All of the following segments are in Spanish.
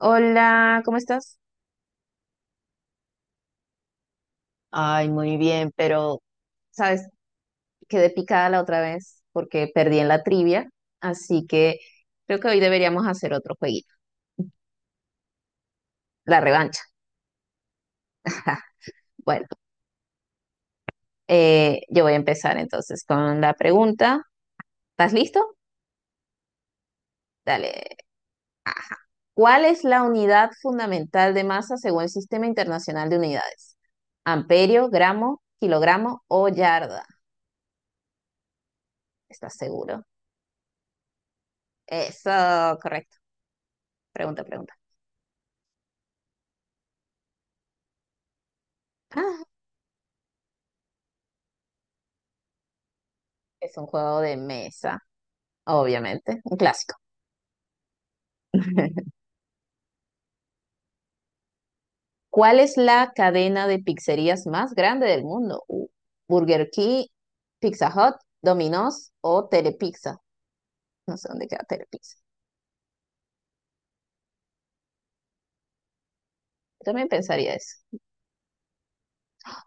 Hola, ¿cómo estás? Ay, muy bien, pero sabes, quedé picada la otra vez porque perdí en la trivia, así que creo que hoy deberíamos hacer otro jueguito, la revancha. Bueno, yo voy a empezar entonces con la pregunta. ¿Estás listo? Dale. ¿Cuál es la unidad fundamental de masa según el Sistema Internacional de Unidades? ¿Amperio, gramo, kilogramo o yarda? ¿Estás seguro? Eso, correcto. Pregunta, pregunta. Ah, es un juego de mesa, obviamente, un clásico. ¿Cuál es la cadena de pizzerías más grande del mundo? Burger King, Pizza Hut, Domino's o Telepizza. No sé dónde queda Telepizza. Yo también pensaría eso.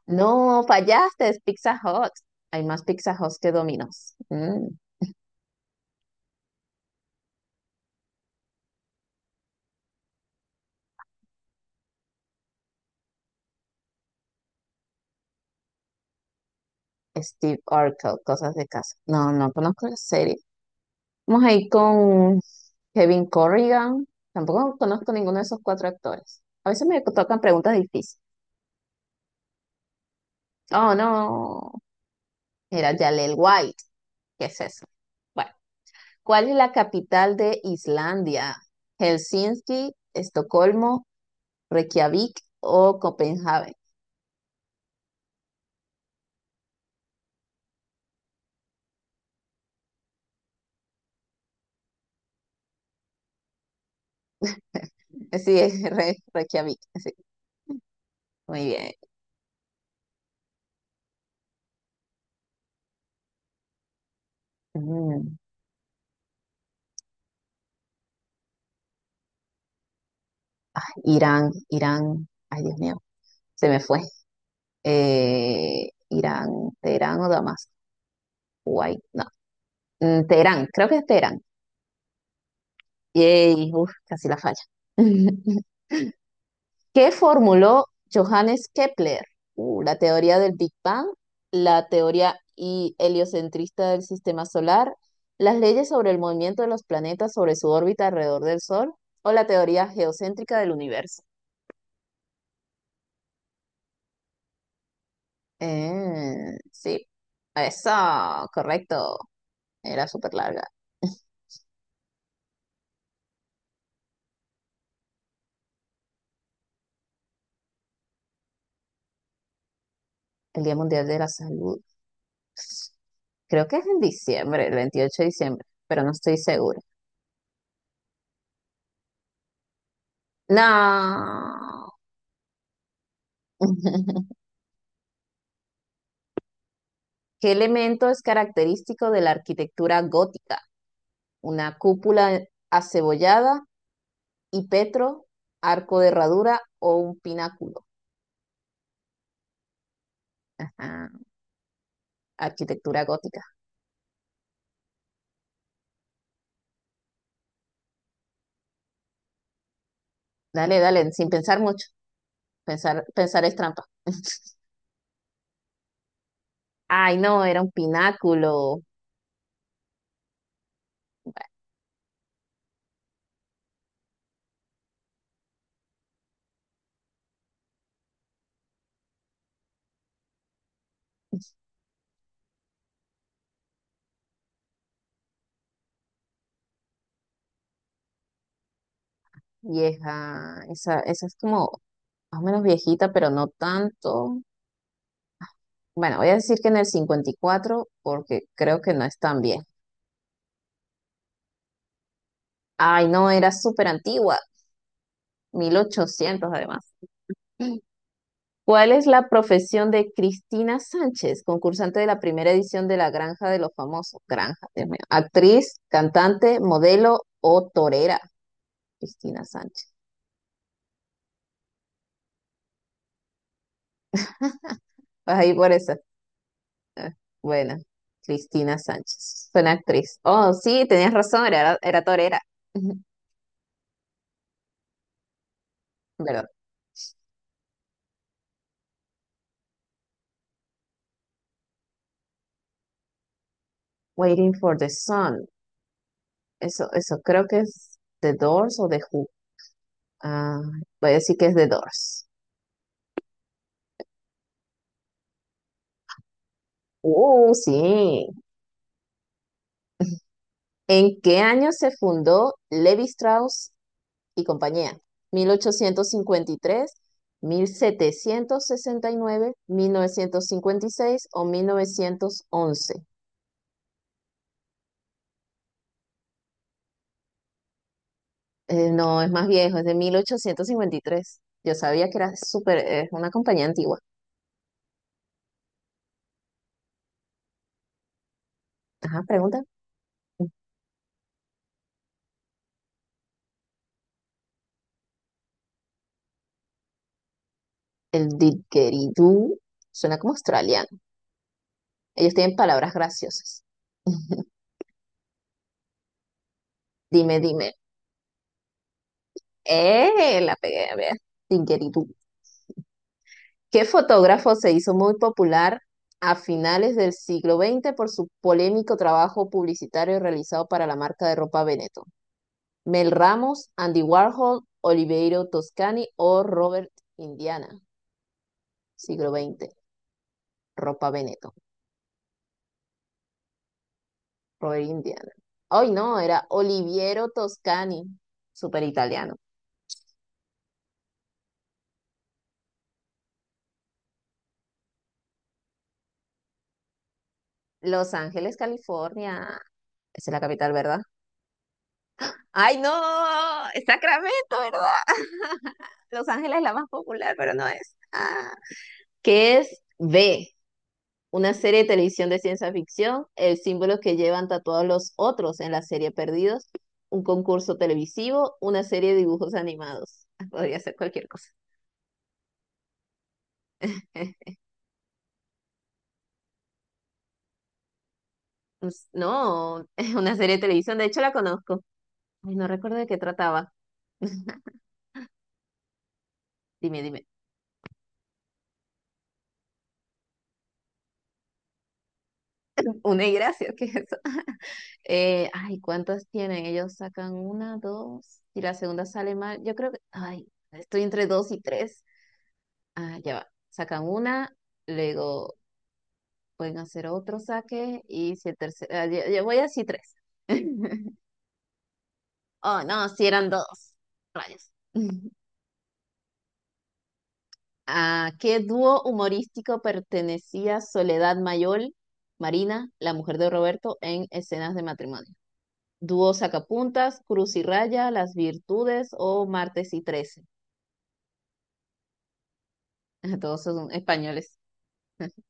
No, fallaste, es Pizza Hut. Hay más Pizza Hut que Domino's. Mm, Steve Urkel, cosas de casa. No, no conozco la serie. Vamos a ir con Kevin Corrigan. Tampoco conozco ninguno de esos cuatro actores. A veces me tocan preguntas difíciles. Oh, no. Era Jalel White. ¿Qué es eso? Bueno, ¿cuál es la capital de Islandia? ¿Helsinki, Estocolmo, Reykjavik o Copenhague? Sí, es Reykjavik. Sí, muy bien. Mm, Irán, Irán. Ay, Dios mío, se me fue. Irán, Teherán o Damasco. Guay, no. Mm, Teherán, creo que es Teherán. Yay, uf, casi la falla. ¿Qué formuló Johannes Kepler? La teoría del Big Bang, la teoría heliocentrista del sistema solar, las leyes sobre el movimiento de los planetas sobre su órbita alrededor del Sol o la teoría geocéntrica del universo. Sí, eso, correcto. Era súper larga. El Día Mundial de la Salud. Creo que es en diciembre, el 28 de diciembre, pero no estoy segura. No. ¿Qué elemento es característico de la arquitectura gótica? ¿Una cúpula acebollada y petro, arco de herradura o un pináculo? Ajá, arquitectura gótica. Dale, dale, sin pensar mucho. Pensar, pensar es trampa. Ay, no, era un pináculo. Vieja, esa es como más o menos viejita, pero no tanto. Bueno, voy a decir que en el 54, porque creo que no es tan bien. Ay, no, era súper antigua, 1800 además. ¿Cuál es la profesión de Cristina Sánchez, concursante de la primera edición de La Granja de los Famosos? Granja, Dios mío. Actriz, cantante, modelo o torera. Cristina Sánchez. Vas ahí por esa. Ah, bueno, Cristina Sánchez. Suena actriz. Oh, sí, tenías razón, era, era torera. ¿Verdad? Waiting for the Sun. Eso creo que es The Doors o The Who. Ah, voy a decir que es The Doors. Sí. ¿En qué año se fundó Levi Strauss y compañía? Mil ochocientos cincuenta y tres, 1769, 1956 o 1911? No, es más viejo, es de 1853. Yo sabía que era súper, es una compañía antigua. Ajá, pregunta. El didgeridoo suena como australiano. Ellos tienen palabras graciosas. Dime, dime. ¡Eh! La pegué, a ver. Didgeridoo. ¿Qué fotógrafo se hizo muy popular a finales del siglo XX por su polémico trabajo publicitario realizado para la marca de ropa Veneto? ¿Mel Ramos, Andy Warhol, Oliveiro Toscani o Robert Indiana? Siglo XX, ropa Veneto, Robert Indiana. Ay no, era Oliviero Toscani, súper italiano. Los Ángeles, California, esa es la capital, ¿verdad? Ay, no, es Sacramento, ¿verdad? Los Ángeles es la más popular, pero no es. Ah, ¿qué es B? Una serie de televisión de ciencia ficción, el símbolo que llevan tatuados los otros en la serie Perdidos, un concurso televisivo, una serie de dibujos animados. Podría ser cualquier cosa. Pues, no, es una serie de televisión, de hecho la conozco. Ay, no recuerdo de qué trataba. Dime, dime. Una y gracias, ¿qué es eso? Ay, ¿cuántas tienen? Ellos sacan una, dos, y la segunda sale mal. Yo creo que, ay, estoy entre dos y tres. Ah, ya va. Sacan una, luego pueden hacer otro saque, y si el tercero, ah, yo voy así tres. Oh, no, si eran dos. Rayos. ¿A qué dúo humorístico pertenecía Soledad Mayol, Marina, la mujer de Roberto, en Escenas de Matrimonio? ¿Dúo Sacapuntas, Cruz y Raya, Las Virtudes o Martes y Trece? Todos son españoles.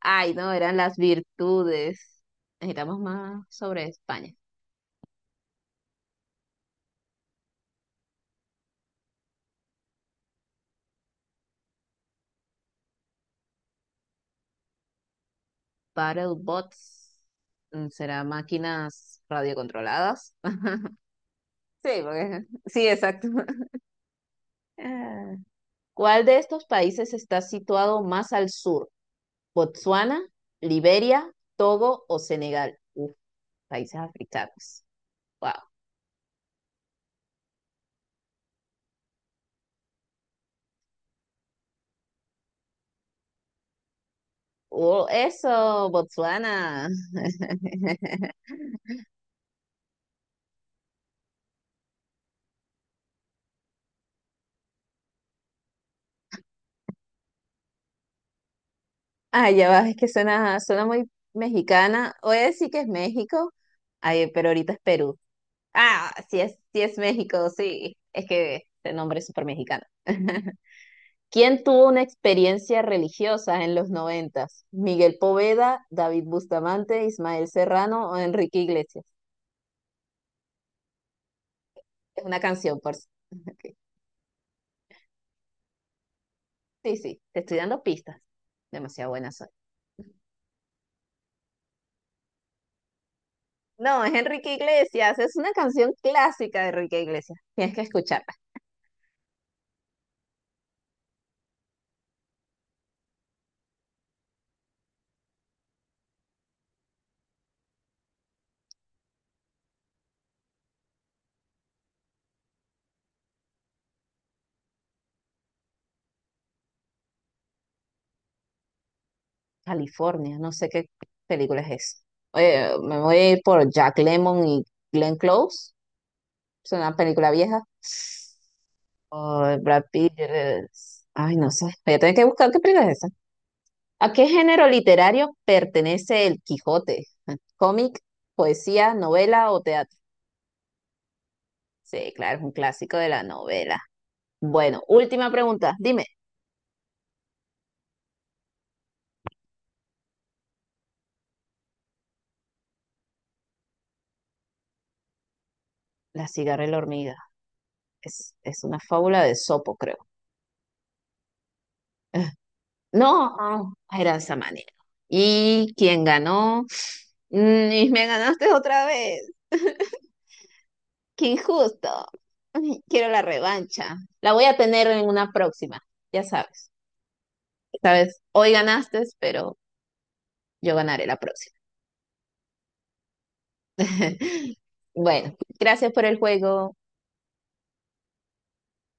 Ay, no, eran las virtudes. Necesitamos más sobre España. Battle bots. Mm, ¿Será máquinas radiocontroladas? Sí, porque sí, exacto. Ah. ¿Cuál de estos países está situado más al sur? ¿Botsuana, Liberia, Togo o Senegal? Uf, países africanos. Wow. Oh, eso, Botsuana. Ah, ya va, es que suena, suena muy mexicana. Voy a decir que es México, ay, pero ahorita es Perú. Ah, sí es México, sí. Es que este nombre es súper mexicano. ¿Quién tuvo una experiencia religiosa en los noventas? ¿Miguel Poveda, David Bustamante, Ismael Serrano o Enrique Iglesias? Es una canción, por si- Ok. Sí, sí, te estoy dando pistas. Demasiado buena soy. No, es Enrique Iglesias, es una canción clásica de Enrique Iglesias. Tienes que escuchar. California, no sé qué película es esa. Oye, me voy a ir por Jack Lemmon y Glenn Close, es una película vieja. O Brad Pitt, ay, no sé, voy a tener que buscar qué película es esa. ¿A qué género literario pertenece El Quijote? ¿Cómic, poesía, novela o teatro? Sí, claro, es un clásico de la novela. Bueno, última pregunta, dime, la cigarra y la hormiga. Es una fábula de Sopo, creo. No, no, era de esa manera. ¿Y quién ganó? Mm, Y me ganaste otra vez. Qué injusto. Ay, quiero la revancha. La voy a tener en una próxima, ya sabes. Sabes, hoy ganaste, pero yo ganaré la próxima. Bueno, gracias por el juego.